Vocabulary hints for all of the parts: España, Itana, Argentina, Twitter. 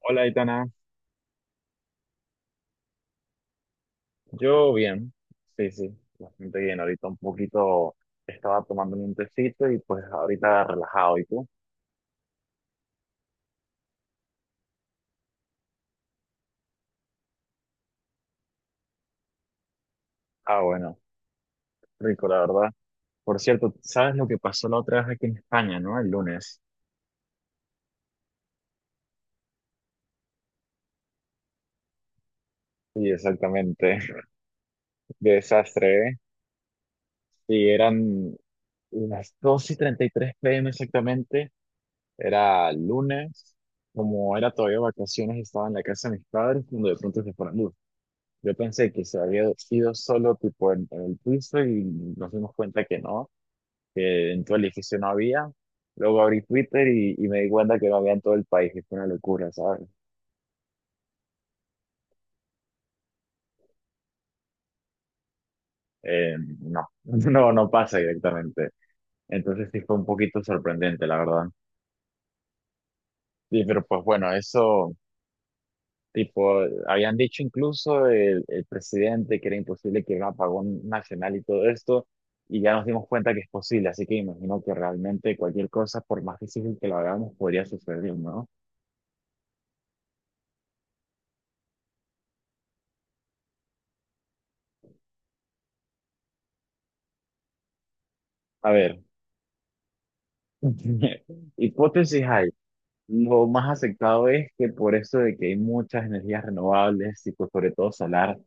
Hola, Itana. Yo bien, sí, sí, bastante bien. Ahorita un poquito estaba tomando un tecito y pues ahorita relajado. ¿Y tú? Ah, bueno, rico, la verdad. Por cierto, ¿sabes lo que pasó la otra vez aquí en España, no? El lunes. Sí, exactamente. Desastre, ¿eh? Sí, eran las 2:33 p. m. exactamente. Era lunes. Como era todavía vacaciones, estaba en la casa de mis padres cuando de pronto se fueron. Yo pensé que se había ido solo tipo en el piso y nos dimos cuenta que no, que en todo el edificio no había. Luego abrí Twitter y me di cuenta que no había en todo el país, y fue una locura, ¿sabes? No, no, no pasa directamente. Entonces sí fue un poquito sorprendente, la verdad. Sí, pero pues bueno, eso. Tipo, habían dicho incluso el presidente que era imposible que hubiera un apagón nacional y todo esto, y ya nos dimos cuenta que es posible, así que imagino que realmente cualquier cosa, por más difícil que lo hagamos, podría suceder, ¿no? A ver, hipótesis hay. Lo más aceptado es que por eso de que hay muchas energías renovables, tipo, sobre todo solar,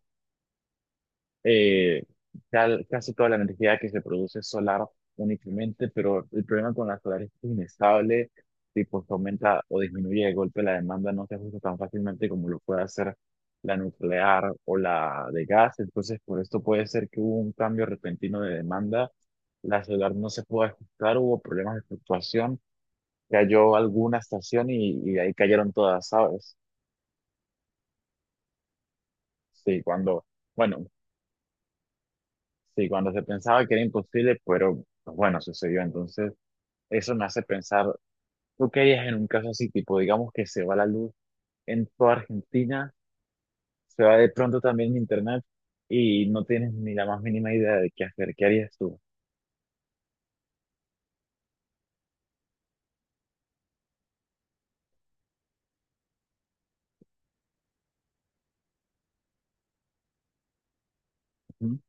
eh, casi toda la energía que se produce es solar únicamente, pero el problema con la solar es que es inestable, tipo se aumenta o disminuye de golpe la demanda, no se ajusta tan fácilmente como lo puede hacer la nuclear o la de gas. Entonces por esto puede ser que hubo un cambio repentino de demanda, la solar no se pudo ajustar, hubo problemas de fluctuación, cayó alguna estación y de ahí cayeron todas, ¿sabes? Sí, cuando... Bueno, sí, cuando se pensaba que era imposible, pero pues, bueno, sucedió. Entonces, eso me hace pensar, ¿tú qué harías en un caso así? Tipo, digamos que se va la luz en toda Argentina, se va de pronto también internet y no tienes ni la más mínima idea de qué hacer. ¿Qué harías tú? Ujú,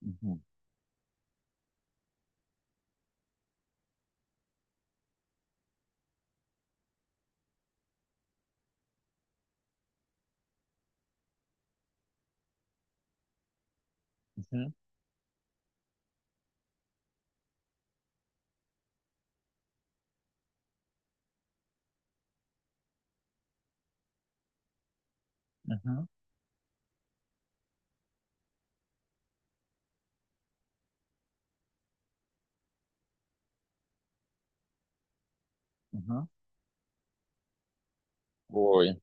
ujú, ujú, ujú, ujú. Uy.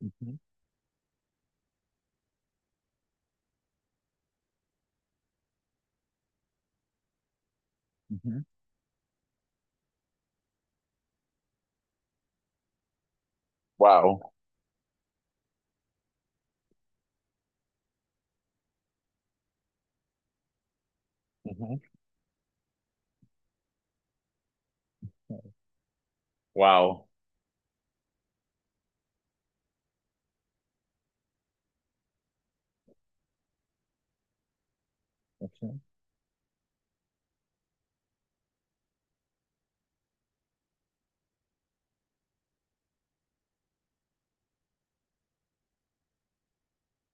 Ujú, ujú. Wow. Ujú, wow. Ujú,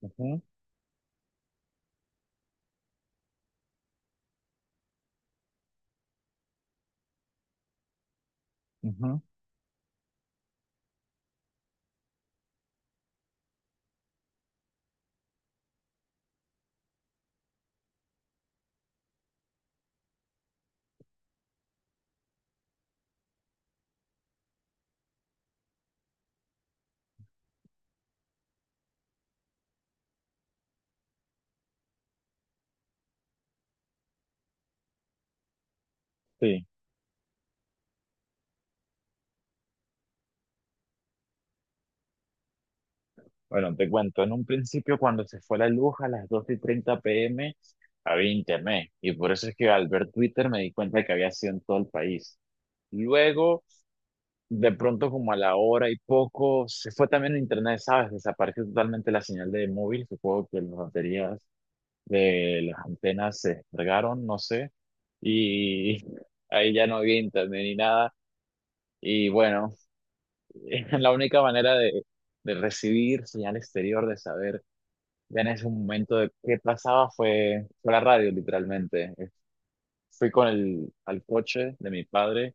ujú, ujú. Sí. Bueno, te cuento, en un principio cuando se fue la luz a las 2:30 p. m. había internet y por eso es que al ver Twitter me di cuenta que había sido en todo el país. Luego, de pronto como a la hora y poco, se fue también el internet, ¿sabes? Desapareció totalmente la señal de móvil, supongo que las baterías de las antenas se descargaron, no sé, y ahí ya no había internet ni nada. Y bueno, la única manera de recibir señal exterior, de saber ya en ese momento de qué pasaba fue, fue la radio, literalmente. Fui con el al coche de mi padre.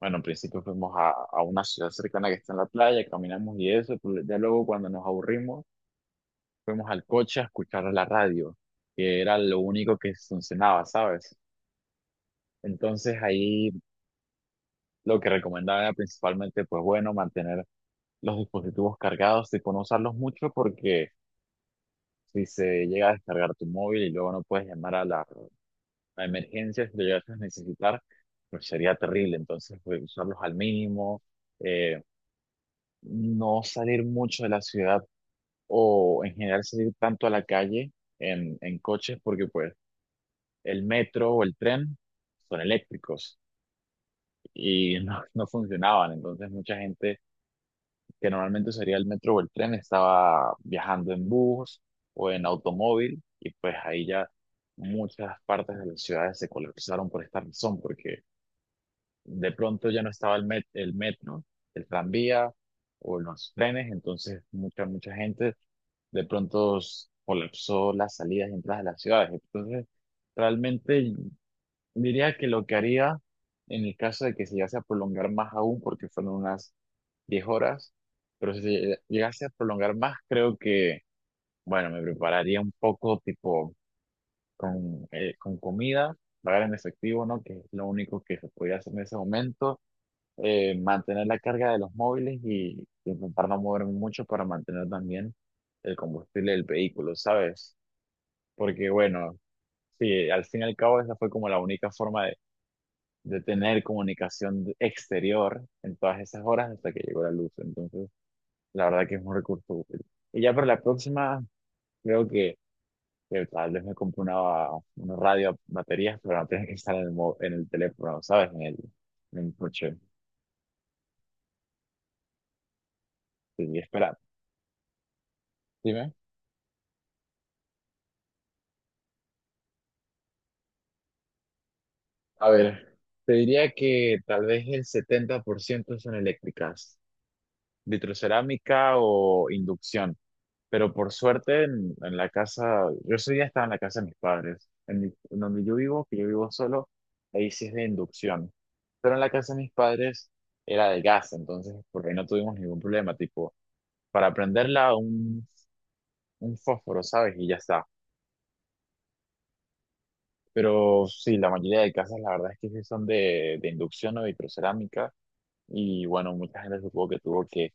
Bueno, en principio fuimos a una ciudad cercana que está en la playa, caminamos y eso. Pero ya luego, cuando nos aburrimos, fuimos al coche a escuchar la radio, que era lo único que funcionaba, ¿sabes? Entonces ahí lo que recomendaba era principalmente, pues bueno, mantener los dispositivos cargados y no usarlos mucho porque si se llega a descargar tu móvil y luego no puedes llamar a la a emergencias que llegas a necesitar, pues sería terrible. Entonces, pues, usarlos al mínimo, eh, no salir mucho de la ciudad o en general salir tanto a la calle en coches, porque pues el metro o el tren son eléctricos y no, no funcionaban. Entonces, mucha gente que normalmente usaría el metro o el tren estaba viajando en bus o en automóvil y pues ahí ya... Muchas partes de las ciudades se colapsaron por esta razón, porque de pronto ya no estaba el metro, el tranvía o los trenes, entonces mucha gente de pronto colapsó las salidas y entradas de las ciudades. Entonces, realmente diría que lo que haría en el caso de que se llegase a prolongar más aún, porque fueron unas 10 horas, pero si llegase a prolongar más, creo que, bueno, me prepararía un poco tipo con comida, pagar en efectivo, ¿no? Que es lo único que se podía hacer en ese momento. Mantener la carga de los móviles y intentar no moverme mucho para mantener también el combustible del vehículo, ¿sabes? Porque bueno, sí, al fin y al cabo esa fue como la única forma de tener comunicación exterior en todas esas horas hasta que llegó la luz. Entonces, la verdad que es un recurso útil. Y ya para la próxima, creo que tal vez me compre una radio a baterías, pero no tiene que estar en el, en el teléfono, ¿sabes? En el coche. Sí, espera, dime. A ver, te diría que tal vez el 70% son eléctricas, vitrocerámica o inducción, pero por suerte en la casa, yo ese día estaba en la casa de mis padres, en, en donde yo vivo, que yo vivo solo, ahí sí es de inducción, pero en la casa de mis padres era de gas, entonces por ahí no tuvimos ningún problema, tipo, para prenderla un fósforo, ¿sabes? Y ya está. Pero sí, la mayoría de casas la verdad es que sí son de inducción o vitrocerámica. Y bueno, mucha gente supongo que tuvo que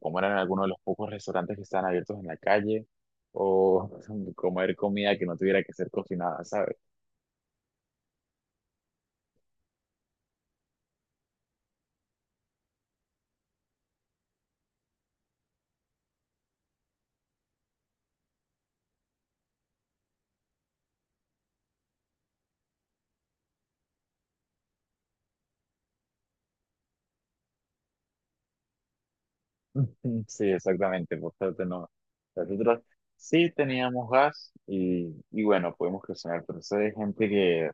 comer en alguno de los pocos restaurantes que estaban abiertos en la calle o comer comida que no tuviera que ser cocinada, ¿sabes? Sí, exactamente, por suerte no. Nosotros sí teníamos gas y bueno, podemos cocinar, pero eso es gente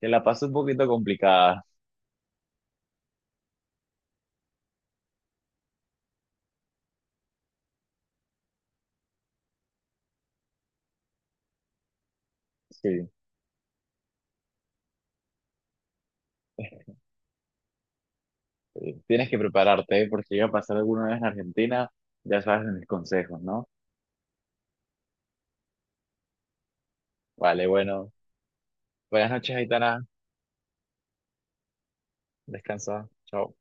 que la pasa un poquito complicada. Sí, tienes que prepararte, ¿eh? Porque llega a pasar alguna vez en Argentina, ya sabes de mis consejos, ¿no? Vale, bueno, buenas noches, Aitana, descansa, chao.